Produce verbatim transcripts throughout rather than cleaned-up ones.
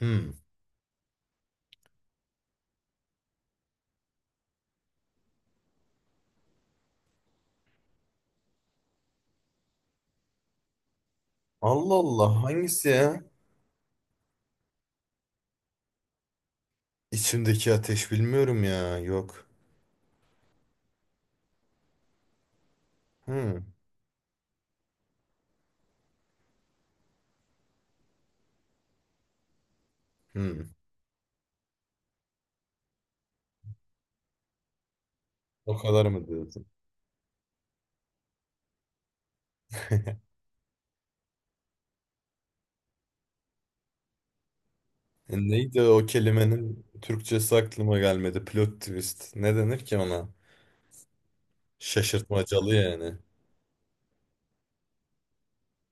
Hmm. Allah Allah hangisi ya? İçimdeki ateş bilmiyorum ya. Yok. Hmm. Hmm. O kadar mı diyorsun? E neydi o kelimenin Türkçesi aklıma gelmedi. Plot twist. Ne denir ki ona? Şaşırtmacalı yani.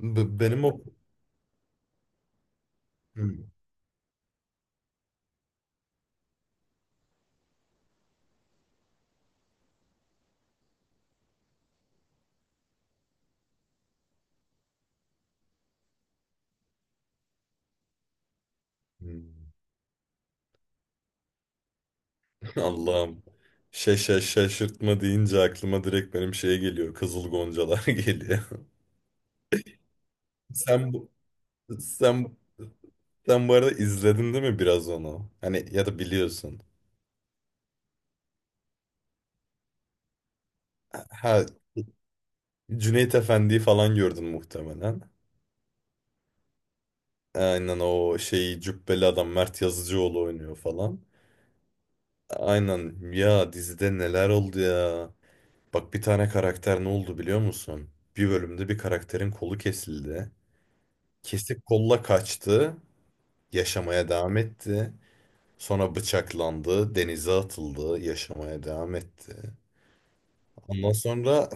B- benim o. Hmm. Hmm. Allah'ım. Şaşa şaşırtma deyince aklıma direkt benim şey geliyor. Kızıl Goncalar geliyor. Sen bu. Sen, sen bu arada izledin değil mi biraz onu? Hani ya da biliyorsun. Ha, Cüneyt Efendi'yi falan gördün muhtemelen. Aynen o şeyi cübbeli adam Mert Yazıcıoğlu oynuyor falan. Aynen ya dizide neler oldu ya. Bak bir tane karakter ne oldu biliyor musun? Bir bölümde bir karakterin kolu kesildi. Kesik kolla kaçtı. Yaşamaya devam etti. Sonra bıçaklandı. Denize atıldı. Yaşamaya devam etti. Ondan sonra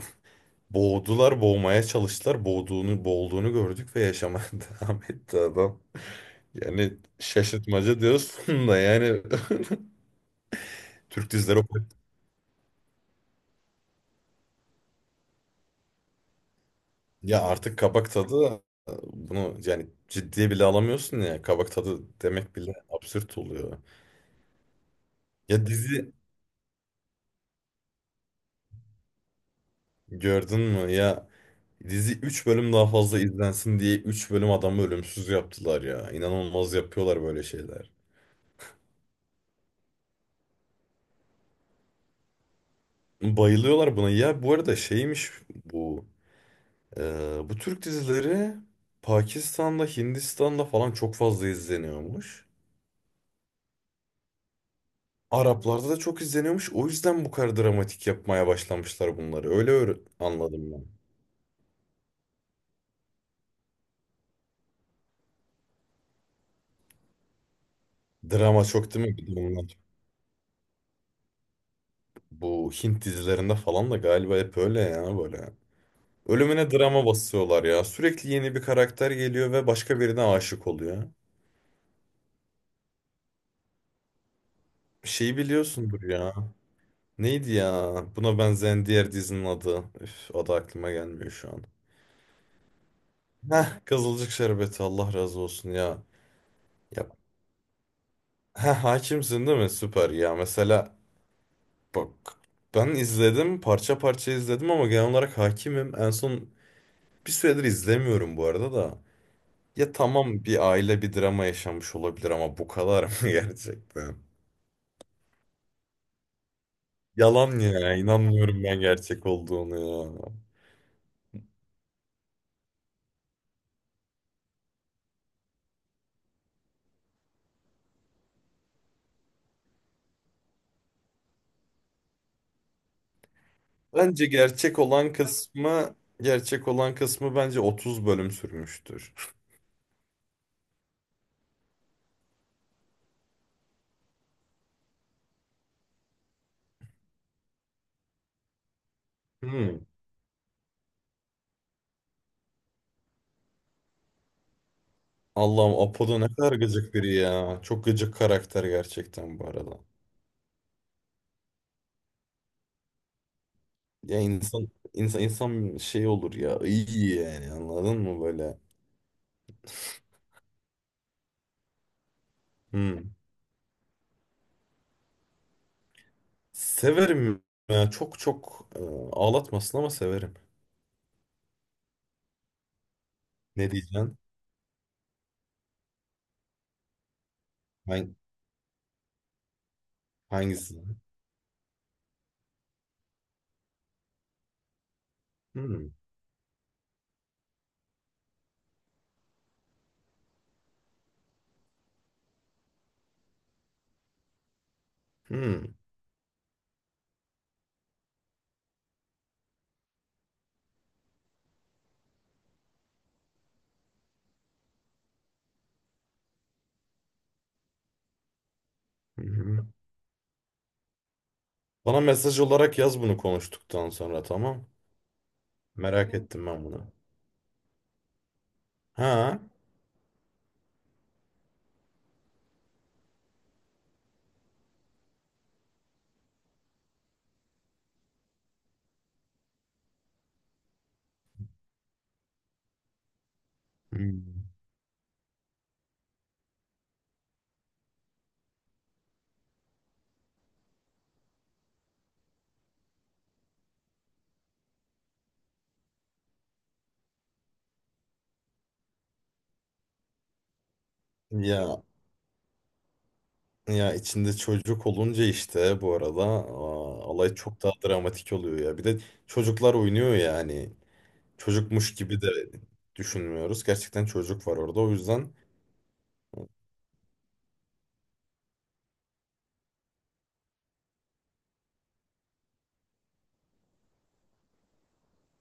boğdular, boğmaya çalıştılar. Boğduğunu, boğulduğunu gördük ve yaşamaya devam etti adam. Yani şaşırtmaca diyorsun da yani. Türk dizileri, o- ya artık kabak tadı, bunu yani ciddiye bile alamıyorsun ya, kabak tadı demek bile absürt oluyor. Ya dizi gördün mü ya? Dizi üç bölüm daha fazla izlensin diye üç bölüm adamı ölümsüz yaptılar ya. İnanılmaz yapıyorlar böyle şeyler. Bayılıyorlar buna. Ya bu arada şeymiş bu e, bu Türk dizileri Pakistan'da Hindistan'da falan çok fazla izleniyormuş. Araplarda da çok izleniyormuş. O yüzden bu kadar dramatik yapmaya başlamışlar bunları. Öyle öğre- anladım ben. Drama çok değil mi? Bir de bunlar. Bu Hint dizilerinde falan da galiba hep öyle ya böyle. Ölümüne drama basıyorlar ya. Sürekli yeni bir karakter geliyor ve başka birine aşık oluyor. Şeyi biliyorsundur ya. Neydi ya? Buna benzeyen diğer dizinin adı. Üf, adı aklıma gelmiyor şu an. Heh, Kızılcık Şerbeti Allah razı olsun ya. Ya heh, hakimsin değil mi? Süper ya. Mesela bak, ben izledim parça parça izledim ama genel olarak hakimim. En son bir süredir izlemiyorum bu arada da. Ya tamam bir aile bir drama yaşamış olabilir ama bu kadar mı gerçekten? Yalan ya, inanmıyorum ben gerçek olduğunu ya. Bence gerçek olan kısmı gerçek olan kısmı bence otuz bölüm sürmüştür. Hmm. Allah'ım, Apo'da ne kadar gıcık biri ya. Çok gıcık karakter gerçekten bu arada. Ya insan insan insan şey olur ya iyi, yani anladın mı böyle? Hmm. Severim, ya çok çok e, ağlatmasın ama severim. Ne diyeceksin? Ben hangisini? Hmm. Hmm. Hmm. Bana mesaj olarak yaz bunu konuştuktan sonra, tamam. Merak ettim ben bunu. Ha? Hmm. Ya ya içinde çocuk olunca işte bu arada, aa, olay çok daha dramatik oluyor ya. Bir de çocuklar oynuyor yani. Çocukmuş gibi de düşünmüyoruz. Gerçekten çocuk var orada. O yüzden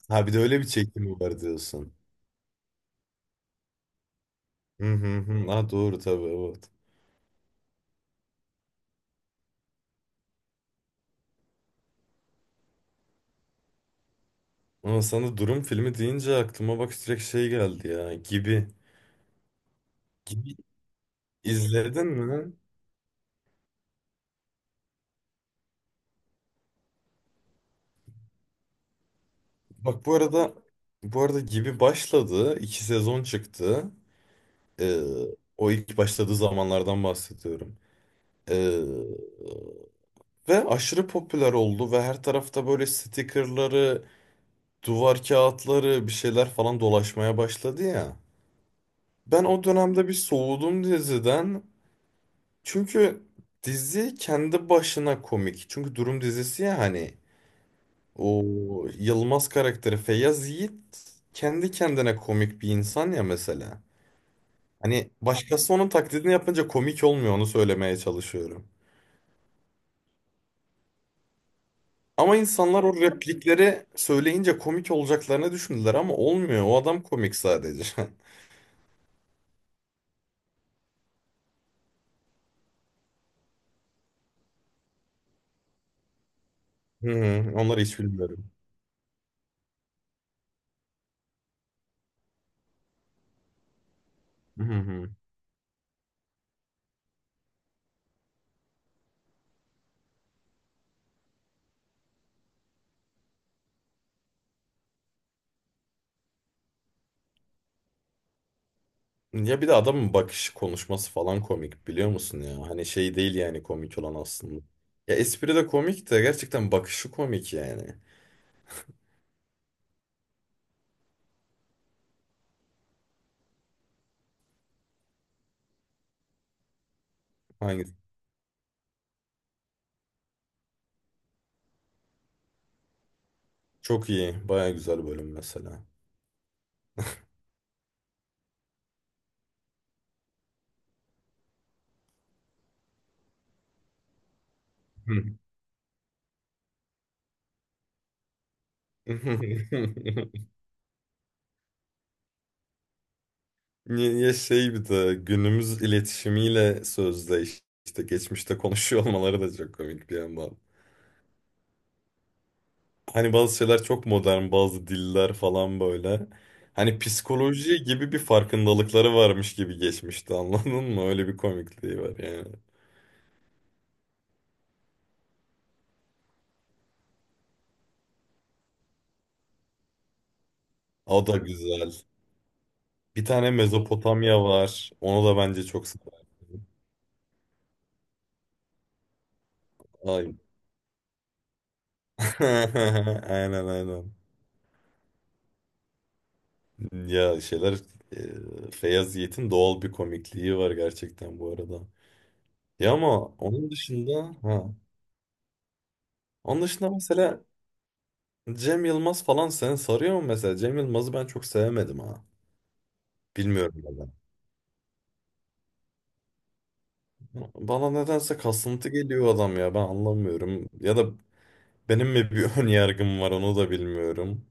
ha, bir de öyle bir çekimi var diyorsun. Hı hı hı. Ha, doğru tabii, evet. Ama sana durum filmi deyince aklıma bak direkt şey geldi ya. Gibi. Gibi izledin mi? Bak bu arada, bu arada Gibi başladı. İki sezon çıktı. Ee, o ilk başladığı zamanlardan bahsediyorum. Ee, ve aşırı popüler oldu ve her tarafta böyle stickerları, duvar kağıtları, bir şeyler falan dolaşmaya başladı ya. Ben o dönemde bir soğudum diziden. Çünkü dizi kendi başına komik. Çünkü durum dizisi ya, hani o Yılmaz karakteri Feyyaz Yiğit kendi kendine komik bir insan ya mesela. Hani başkası onun taklidini yapınca komik olmuyor, onu söylemeye çalışıyorum. Ama insanlar o replikleri söyleyince komik olacaklarını düşündüler, ama olmuyor. O adam komik sadece. Hı hı, onları hiç bilmiyorum. Hı hı. Ya bir de adamın bakışı, konuşması falan komik, biliyor musun ya? Hani şey değil yani komik olan aslında. Ya espri de komik de, gerçekten bakışı komik yani. Hangi? Çok iyi. Baya güzel bölüm mesela. Hı. Ya şey, bir de günümüz iletişimiyle sözde işte geçmişte konuşuyor olmaları da çok komik bir yandan. Hani bazı şeyler çok modern, bazı diller falan böyle. Hani psikoloji gibi bir farkındalıkları varmış gibi geçmişti, anladın mı? Öyle bir komikliği var yani. O da güzel. Bir tane Mezopotamya var. Onu da bence çok severdim. Ay. Aynen aynen. Ya şeyler, e, Feyyaz Yiğit'in doğal bir komikliği var gerçekten bu arada. Ya ama onun dışında ha. Onun dışında mesela Cem Yılmaz falan seni sarıyor mu mesela? Cem Yılmaz'ı ben çok sevemedim ha. Bilmiyorum neden. Bana nedense kasıntı geliyor adam ya, ben anlamıyorum. Ya da benim mi bir ön yargım var, onu da bilmiyorum.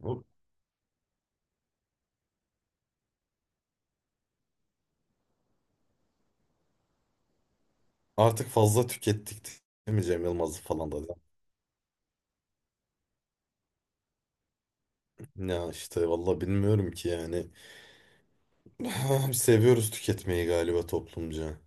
Bu- Artık fazla tükettik değil mi Cem Yılmaz'ı falan da. Ya işte valla bilmiyorum ki yani. Seviyoruz tüketmeyi galiba toplumca.